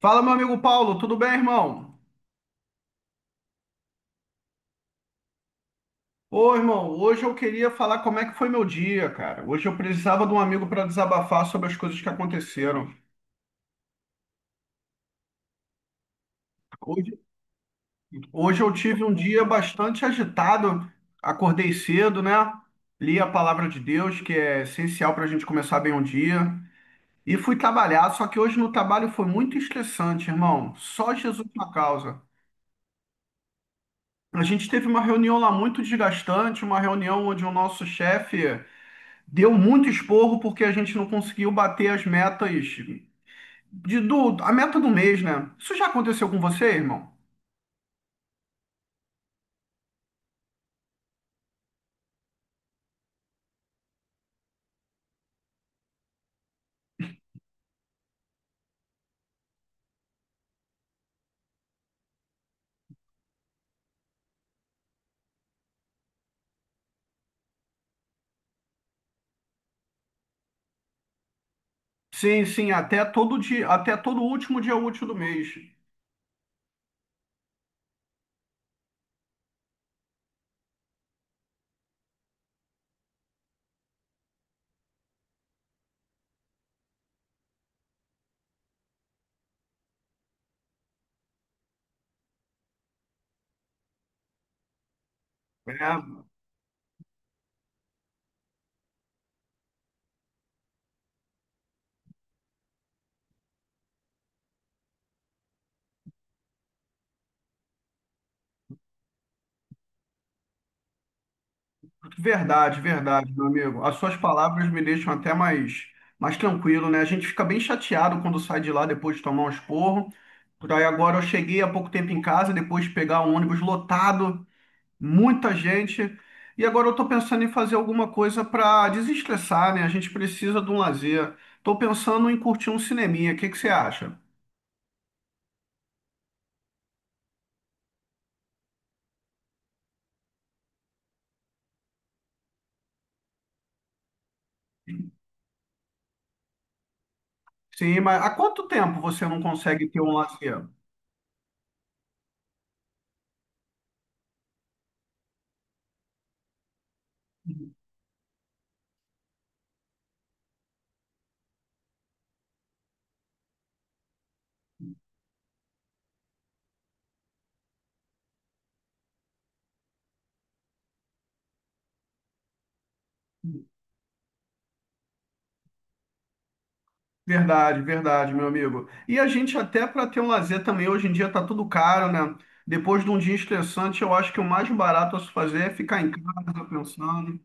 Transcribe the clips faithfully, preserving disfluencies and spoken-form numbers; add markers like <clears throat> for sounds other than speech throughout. Fala, meu amigo Paulo, tudo bem, irmão? Ô, irmão, hoje eu queria falar como é que foi meu dia, cara. Hoje eu precisava de um amigo para desabafar sobre as coisas que aconteceram. Hoje, hoje eu tive um dia bastante agitado, acordei cedo, né? Li a palavra de Deus, que é essencial para a gente começar bem um dia. E fui trabalhar, só que hoje no trabalho foi muito estressante, irmão. Só Jesus na causa. A gente teve uma reunião lá muito desgastante, uma reunião onde o nosso chefe deu muito esporro porque a gente não conseguiu bater as metas de, do, a meta do mês, né? Isso já aconteceu com você, irmão? Sim, sim, até todo dia, até todo último dia útil do mês. É, verdade, verdade, meu amigo. As suas palavras me deixam até mais, mais tranquilo, né? A gente fica bem chateado quando sai de lá depois de tomar um esporro. Por aí agora eu cheguei há pouco tempo em casa, depois de pegar um ônibus lotado, muita gente. E agora eu estou pensando em fazer alguma coisa para desestressar, né? A gente precisa de um lazer. Estou pensando em curtir um cineminha. O que que você acha? Sim, mas há quanto tempo você não consegue ter um lazer? Verdade, verdade, meu amigo. E a gente até para ter um lazer também, hoje em dia tá tudo caro, né? Depois de um dia estressante, eu acho que o mais barato a se fazer é ficar em casa pensando.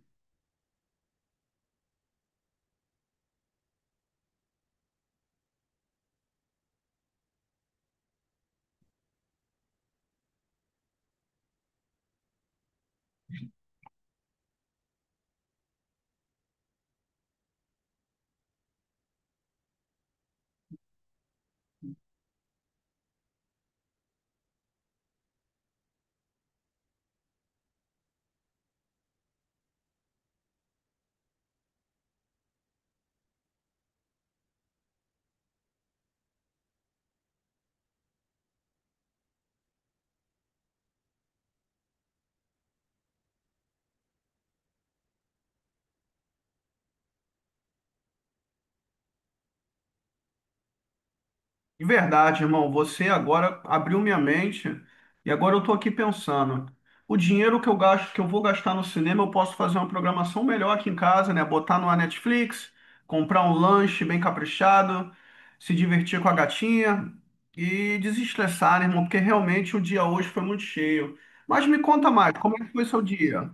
De verdade, irmão, você agora abriu minha mente e agora eu tô aqui pensando. O dinheiro que eu gasto, que eu vou gastar no cinema, eu posso fazer uma programação melhor aqui em casa, né? Botar numa Netflix, comprar um lanche bem caprichado, se divertir com a gatinha e desestressar, né, irmão? Porque realmente o dia hoje foi muito cheio. Mas me conta mais, como é que foi seu dia?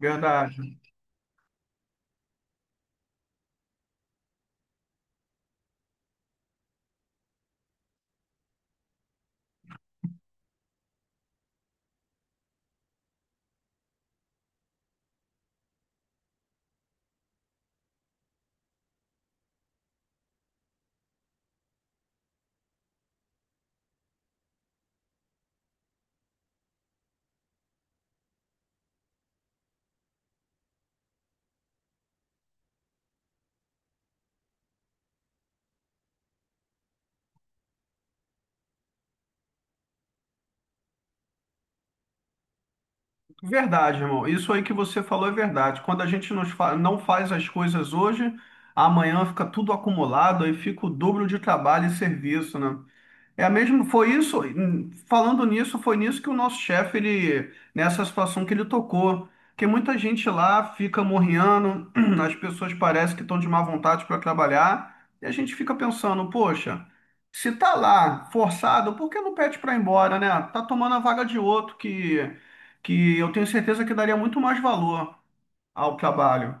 Verdade. Verdade, irmão. Isso aí que você falou é verdade. Quando a gente nos fa- não faz as coisas hoje, amanhã fica tudo acumulado, aí fica o dobro de trabalho e serviço, né? É mesmo, foi isso, falando nisso, foi nisso que o nosso chefe, ele, nessa situação que ele tocou, que muita gente lá fica morrendo, <clears throat> as pessoas parecem que estão de má vontade para trabalhar, e a gente fica pensando, poxa, se tá lá forçado, por que não pede para ir embora, né? Tá tomando a vaga de outro que, que eu tenho certeza que daria muito mais valor ao trabalho.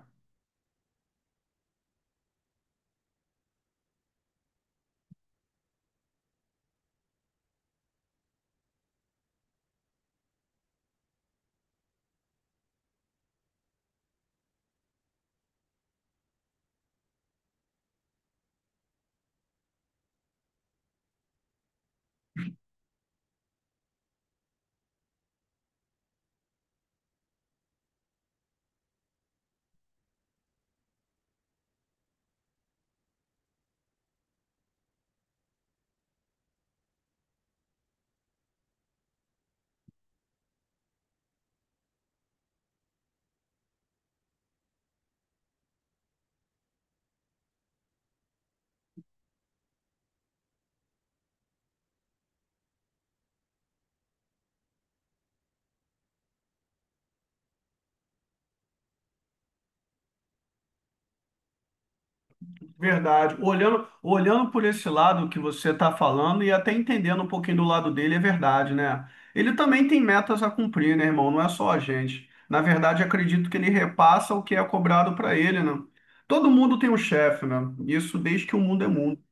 Verdade. Olhando, olhando por esse lado que você está falando e até entendendo um pouquinho do lado dele, é verdade, né? Ele também tem metas a cumprir, né, irmão? Não é só a gente. Na verdade, acredito que ele repassa o que é cobrado para ele, né? Todo mundo tem um chefe, né? Isso desde que o mundo é mundo.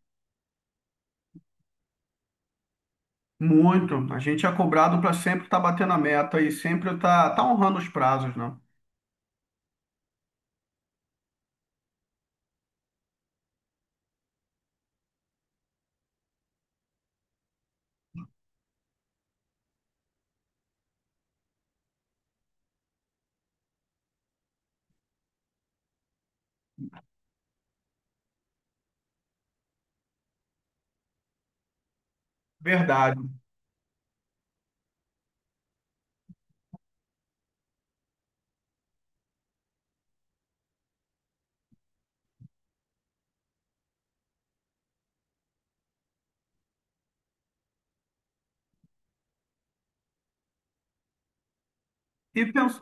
Muito. A gente é cobrado para sempre estar batendo a meta e sempre estar tá, tá honrando os prazos, né? Verdade. E pens-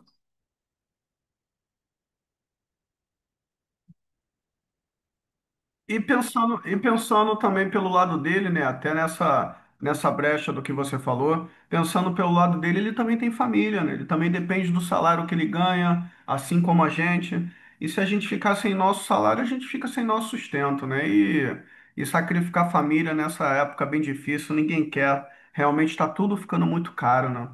E pensando, e pensando também pelo lado dele, né? Até nessa, nessa brecha do que você falou, pensando pelo lado dele, ele também tem família, né? Ele também depende do salário que ele ganha, assim como a gente. E se a gente ficar sem nosso salário, a gente fica sem nosso sustento, né? E, e sacrificar a família nessa época bem difícil, ninguém quer. Realmente está tudo ficando muito caro, né?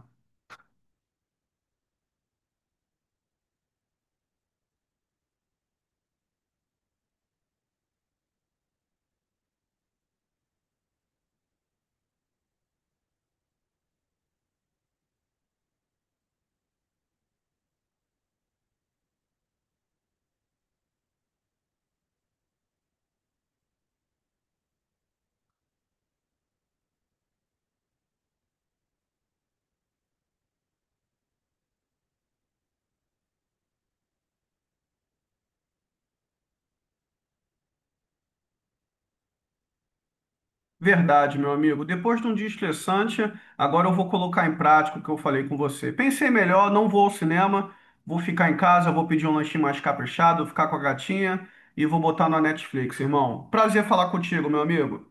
Verdade, meu amigo. Depois de um dia estressante, agora eu vou colocar em prática o que eu falei com você. Pensei melhor, não vou ao cinema, vou ficar em casa, vou pedir um lanchinho mais caprichado, ficar com a gatinha e vou botar na Netflix, irmão. Prazer falar contigo, meu amigo.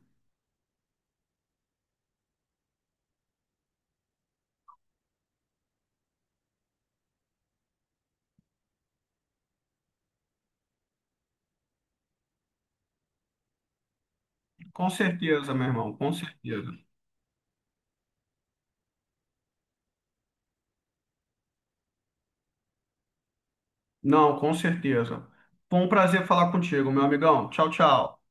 Com certeza, meu irmão, com certeza. Não, com certeza. Foi um prazer falar contigo, meu amigão. Tchau, tchau.